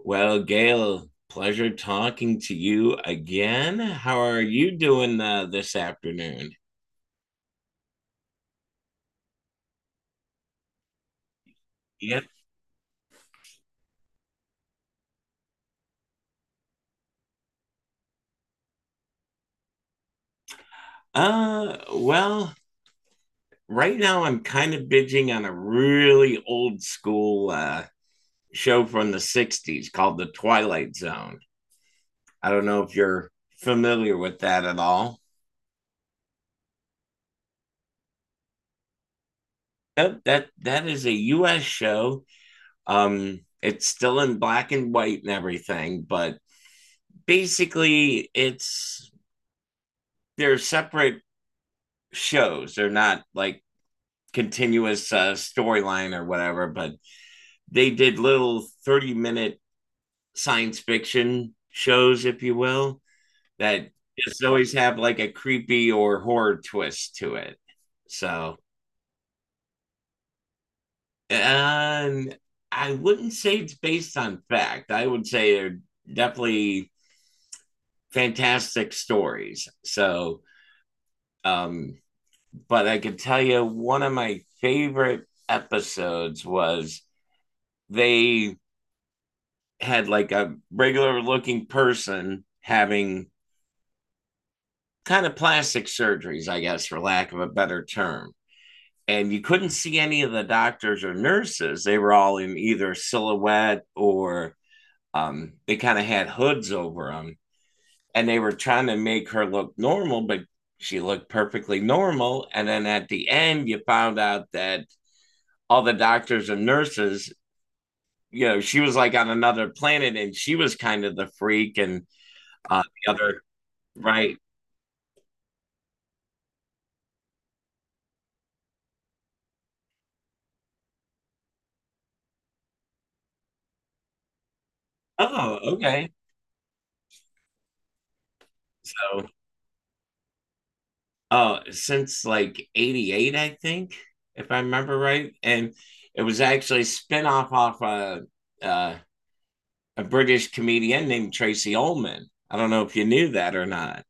Well, Gail, pleasure talking to you again. How are you doing this afternoon? Yep. Well, right now I'm kind of binging on a really old school show from the 60s called The Twilight Zone. I don't know if you're familiar with that at all. Yep, that is a US show. It's still in black and white and everything, but basically it's they're separate shows. They're not like continuous storyline or whatever, but they did little 30-minute minute science fiction shows, if you will, that just always have like a creepy or horror twist to it. So, and I wouldn't say it's based on fact. I would say they're definitely fantastic stories. So, um, but I can tell you one of my favorite episodes was they had like a regular looking person having kind of plastic surgeries, I guess, for lack of a better term. And you couldn't see any of the doctors or nurses. They were all in either silhouette, or they kind of had hoods over them. And they were trying to make her look normal, but she looked perfectly normal. And then at the end, you found out that all the doctors and nurses, she was like on another planet and she was kind of the freak. And the other, right? Oh, okay. So, since like 88, I think, if I remember right. And it was actually a spin-off off uh, a British comedian named Tracy Ullman. I don't know if you knew that or not.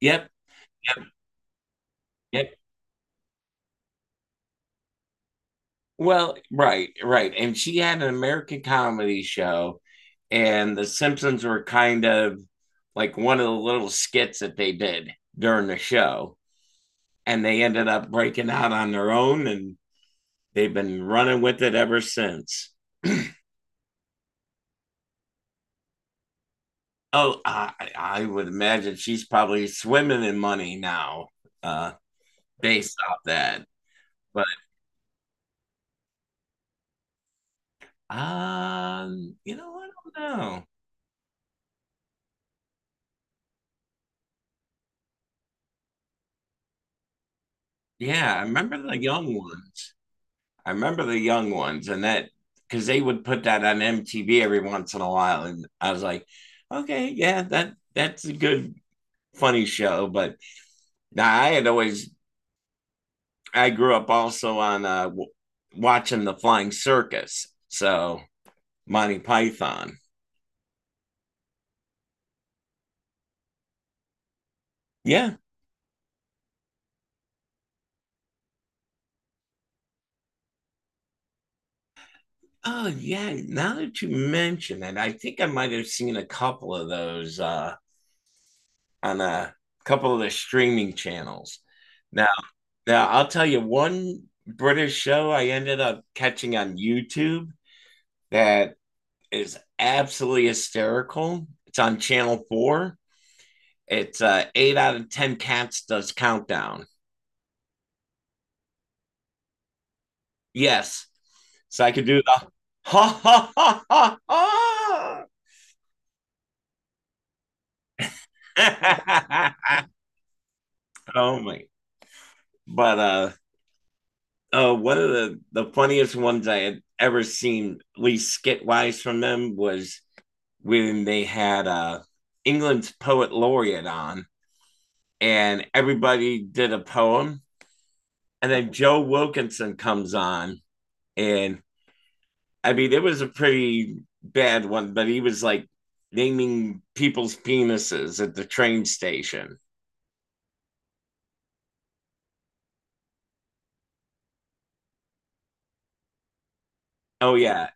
Yep. Yep. Well, right, right. And she had an American comedy show, and The Simpsons were kind of like one of the little skits that they did during the show. And they ended up breaking out on their own, and they've been running with it ever since. Oh, I would imagine she's probably swimming in money now, uh, based off that. But I don't know. Yeah, I remember the young ones. I remember the young ones, and that because they would put that on MTV every once in a while, and I was like, okay, yeah, that's a good funny show. But now I had always I grew up also on watching the Flying Circus, so Monty Python. Yeah. Oh yeah. Now that you mention it, I think I might have seen a couple of those on a couple of the streaming channels. Now, now, I'll tell you one British show I ended up catching on YouTube that is absolutely hysterical. It's on Channel 4. It's 8 out of 10 cats does countdown. Yes, so I could do the ha ha ha ha ha. Oh my! But one of the funniest ones I had ever seen, at least skit wise from them, was when they had England's poet laureate on, and everybody did a poem, and then Joe Wilkinson comes on, and I mean it was a pretty bad one, but he was like naming people's penises at the train station. Oh yeah,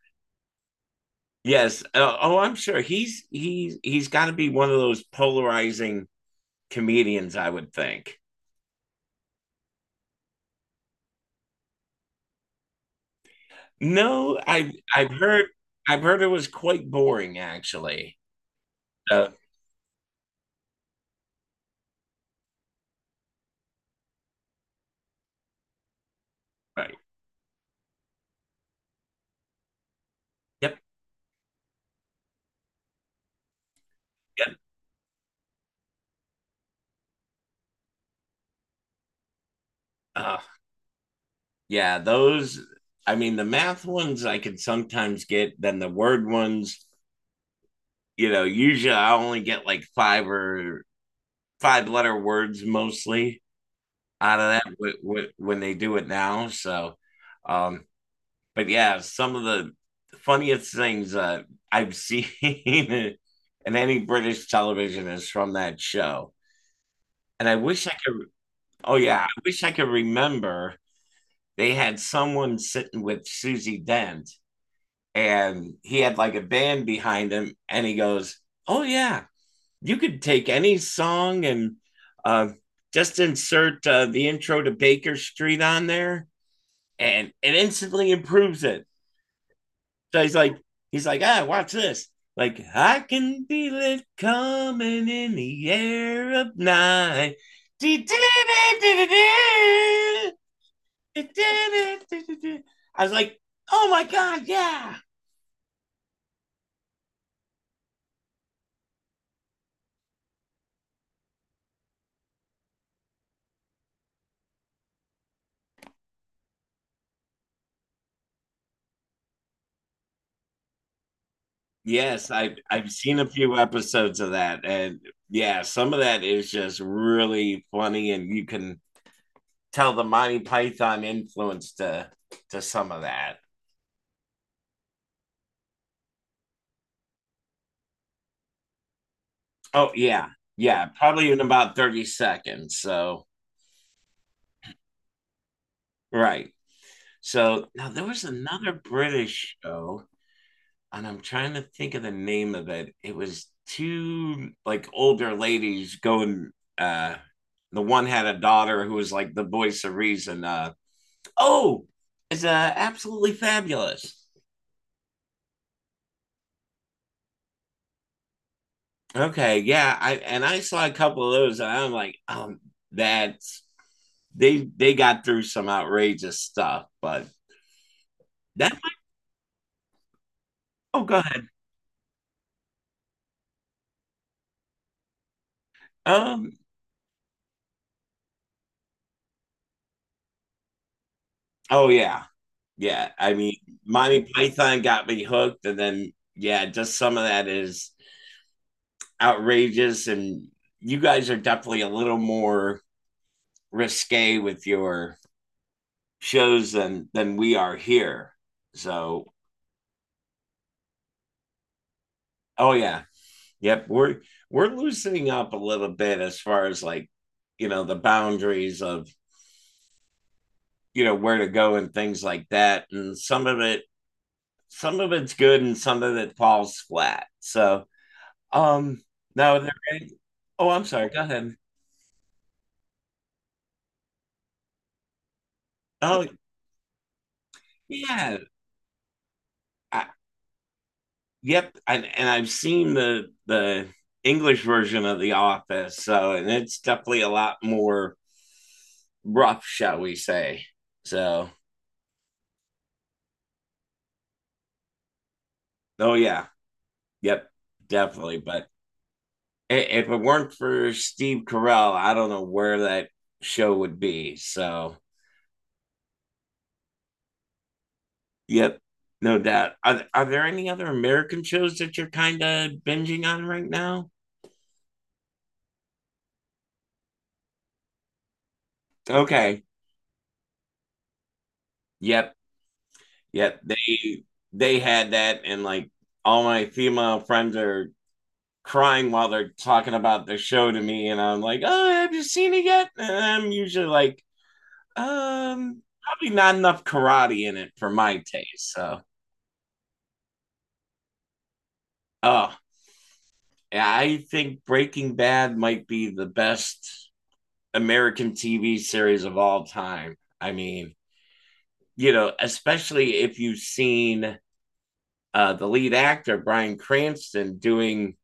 yes. Oh, I'm sure he's got to be one of those polarizing comedians, I would think. No, I've heard it was quite boring actually. Uh, right. Yep. Yep. Uh, yeah. Those. I mean, the math ones I can sometimes get. Then the word ones, usually I only get like five letter words mostly out of that when they do it now. So, um, but yeah, some of the funniest things I've seen in any British television is from that show. And I wish I could, oh yeah, I wish I could remember they had someone sitting with Susie Dent and he had like a band behind him and he goes, oh yeah, you could take any song and uh, just insert the intro to Baker Street on there and it instantly improves it. So he's like, ah, watch this. Like, I can feel it coming in the air of night. I was like, oh my God, yeah. Yes, I've seen a few episodes of that. And yeah, some of that is just really funny, and you can tell the Monty Python influence to some of that. Oh yeah, yeah, probably in about 30 seconds. So. Right. So now there was another British show, and I'm trying to think of the name of it. It was two like older ladies going uh the one had a daughter who was like the voice of reason. Oh, it's absolutely fabulous. Okay, yeah, I saw a couple of those and I'm like, that's they got through some outrageous stuff, but that oh, go ahead. Um oh yeah. Yeah, I mean, Monty Python got me hooked, and then yeah, just some of that is outrageous, and you guys are definitely a little more risque with your shows than we are here. So, oh yeah, yep, we're loosening up a little bit as far as like the boundaries of where to go and things like that, and some of it's good and some of it falls flat. So. Um, Now there any, oh, I'm sorry. Go ahead. Oh, yeah. I, yep. I've seen the English version of The Office, so and it's definitely a lot more rough, shall we say? So, oh yeah, yep, definitely. But if it weren't for Steve Carell, I don't know where that show would be. So, yep, no doubt. Are there any other American shows that you're kind of binging on right now? Okay. Yep. Yeah, they had that, and like all my female friends are crying while they're talking about the show to me, and I'm like, oh, have you seen it yet? And I'm usually like, probably not enough karate in it for my taste. So, oh, yeah, I think Breaking Bad might be the best American TV series of all time. I mean, especially if you've seen the lead actor Bryan Cranston doing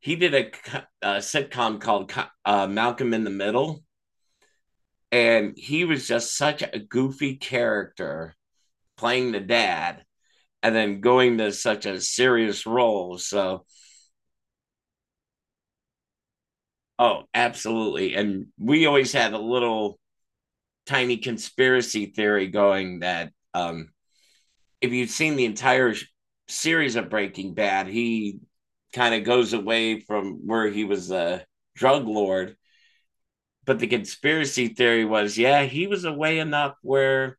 he did a sitcom called Malcolm in the Middle, and he was just such a goofy character playing the dad, and then going to such a serious role. So, oh, absolutely. And we always had a little tiny conspiracy theory going that if you've seen the entire series of Breaking Bad, he kind of goes away from where he was a drug lord, but the conspiracy theory was, yeah, he was away enough where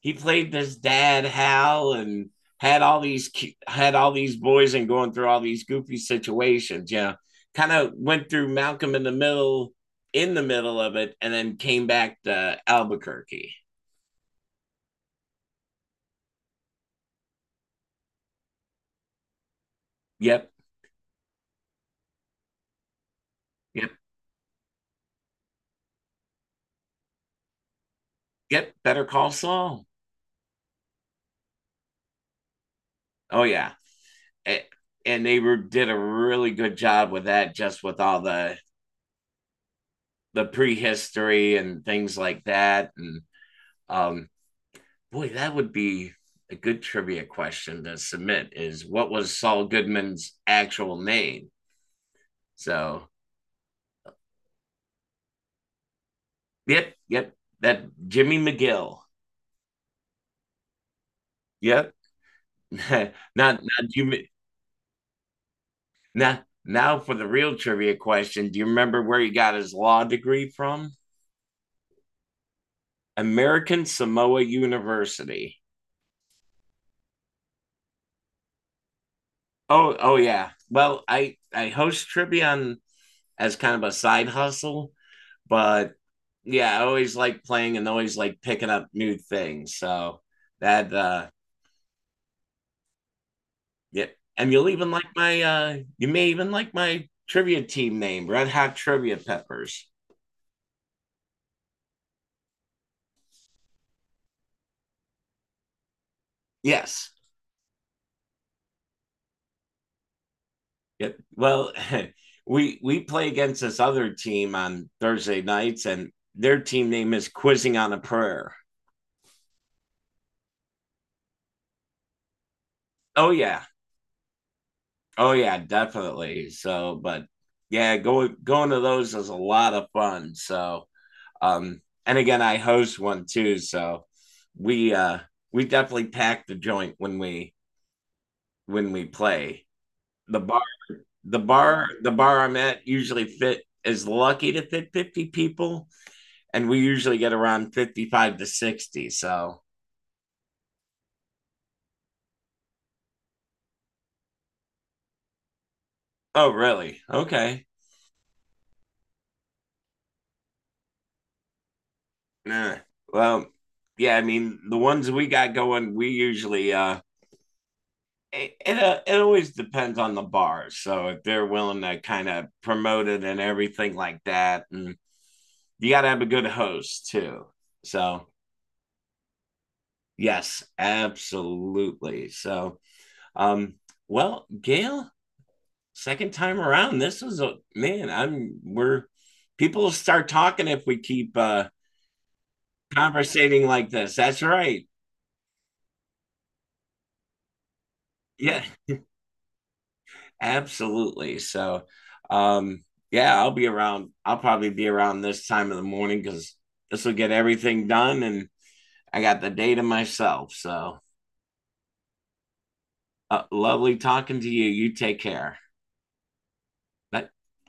he played this dad Hal and had all these had all these boys and going through all these goofy situations. Yeah, kind of went through Malcolm in the Middle in the middle of it, and then came back to Albuquerque. Yep, yep, yep. Better Call Saul. Oh yeah, and did a really good job with that, just with all the prehistory and things like that, and um boy, that would be a good trivia question to submit: is what was Saul Goodman's actual name? So, yep, yep, that Jimmy McGill. Yep. Not Jimmy. Now now for the real trivia question. Do you remember where he got his law degree from? American Samoa University. Oh, oh yeah. Well, I host trivia on, as kind of a side hustle, but yeah, I always like playing and always like picking up new things. So that yeah. And you may even like my trivia team name, Red Hot Trivia Peppers. Yes. Yep. Well, we play against this other team on Thursday nights, and their team name is Quizzing on a Prayer. Oh yeah. Oh yeah, definitely. So, but yeah, going to those is a lot of fun. So, and again, I hosed one too, so we uh, we definitely pack the joint when we play. The bar, the bar I'm at usually fit is lucky to fit 50 people, and we usually get around 55 to 60. So, oh really? Okay. Nah. Well, yeah. I mean, the ones we got going, we usually it, it, it always depends on the bar. So if they're willing to kind of promote it and everything like that, and you got to have a good host too. So, yes, absolutely. So, um, well, Gail, second time around, this was a man. I'm We're people start talking if we keep conversating like this. That's right. Yeah, absolutely. So, um, yeah, I'll be around. I'll probably be around this time of the morning because this will get everything done, and I got the day to myself. So, lovely talking to you. You take care. Bye.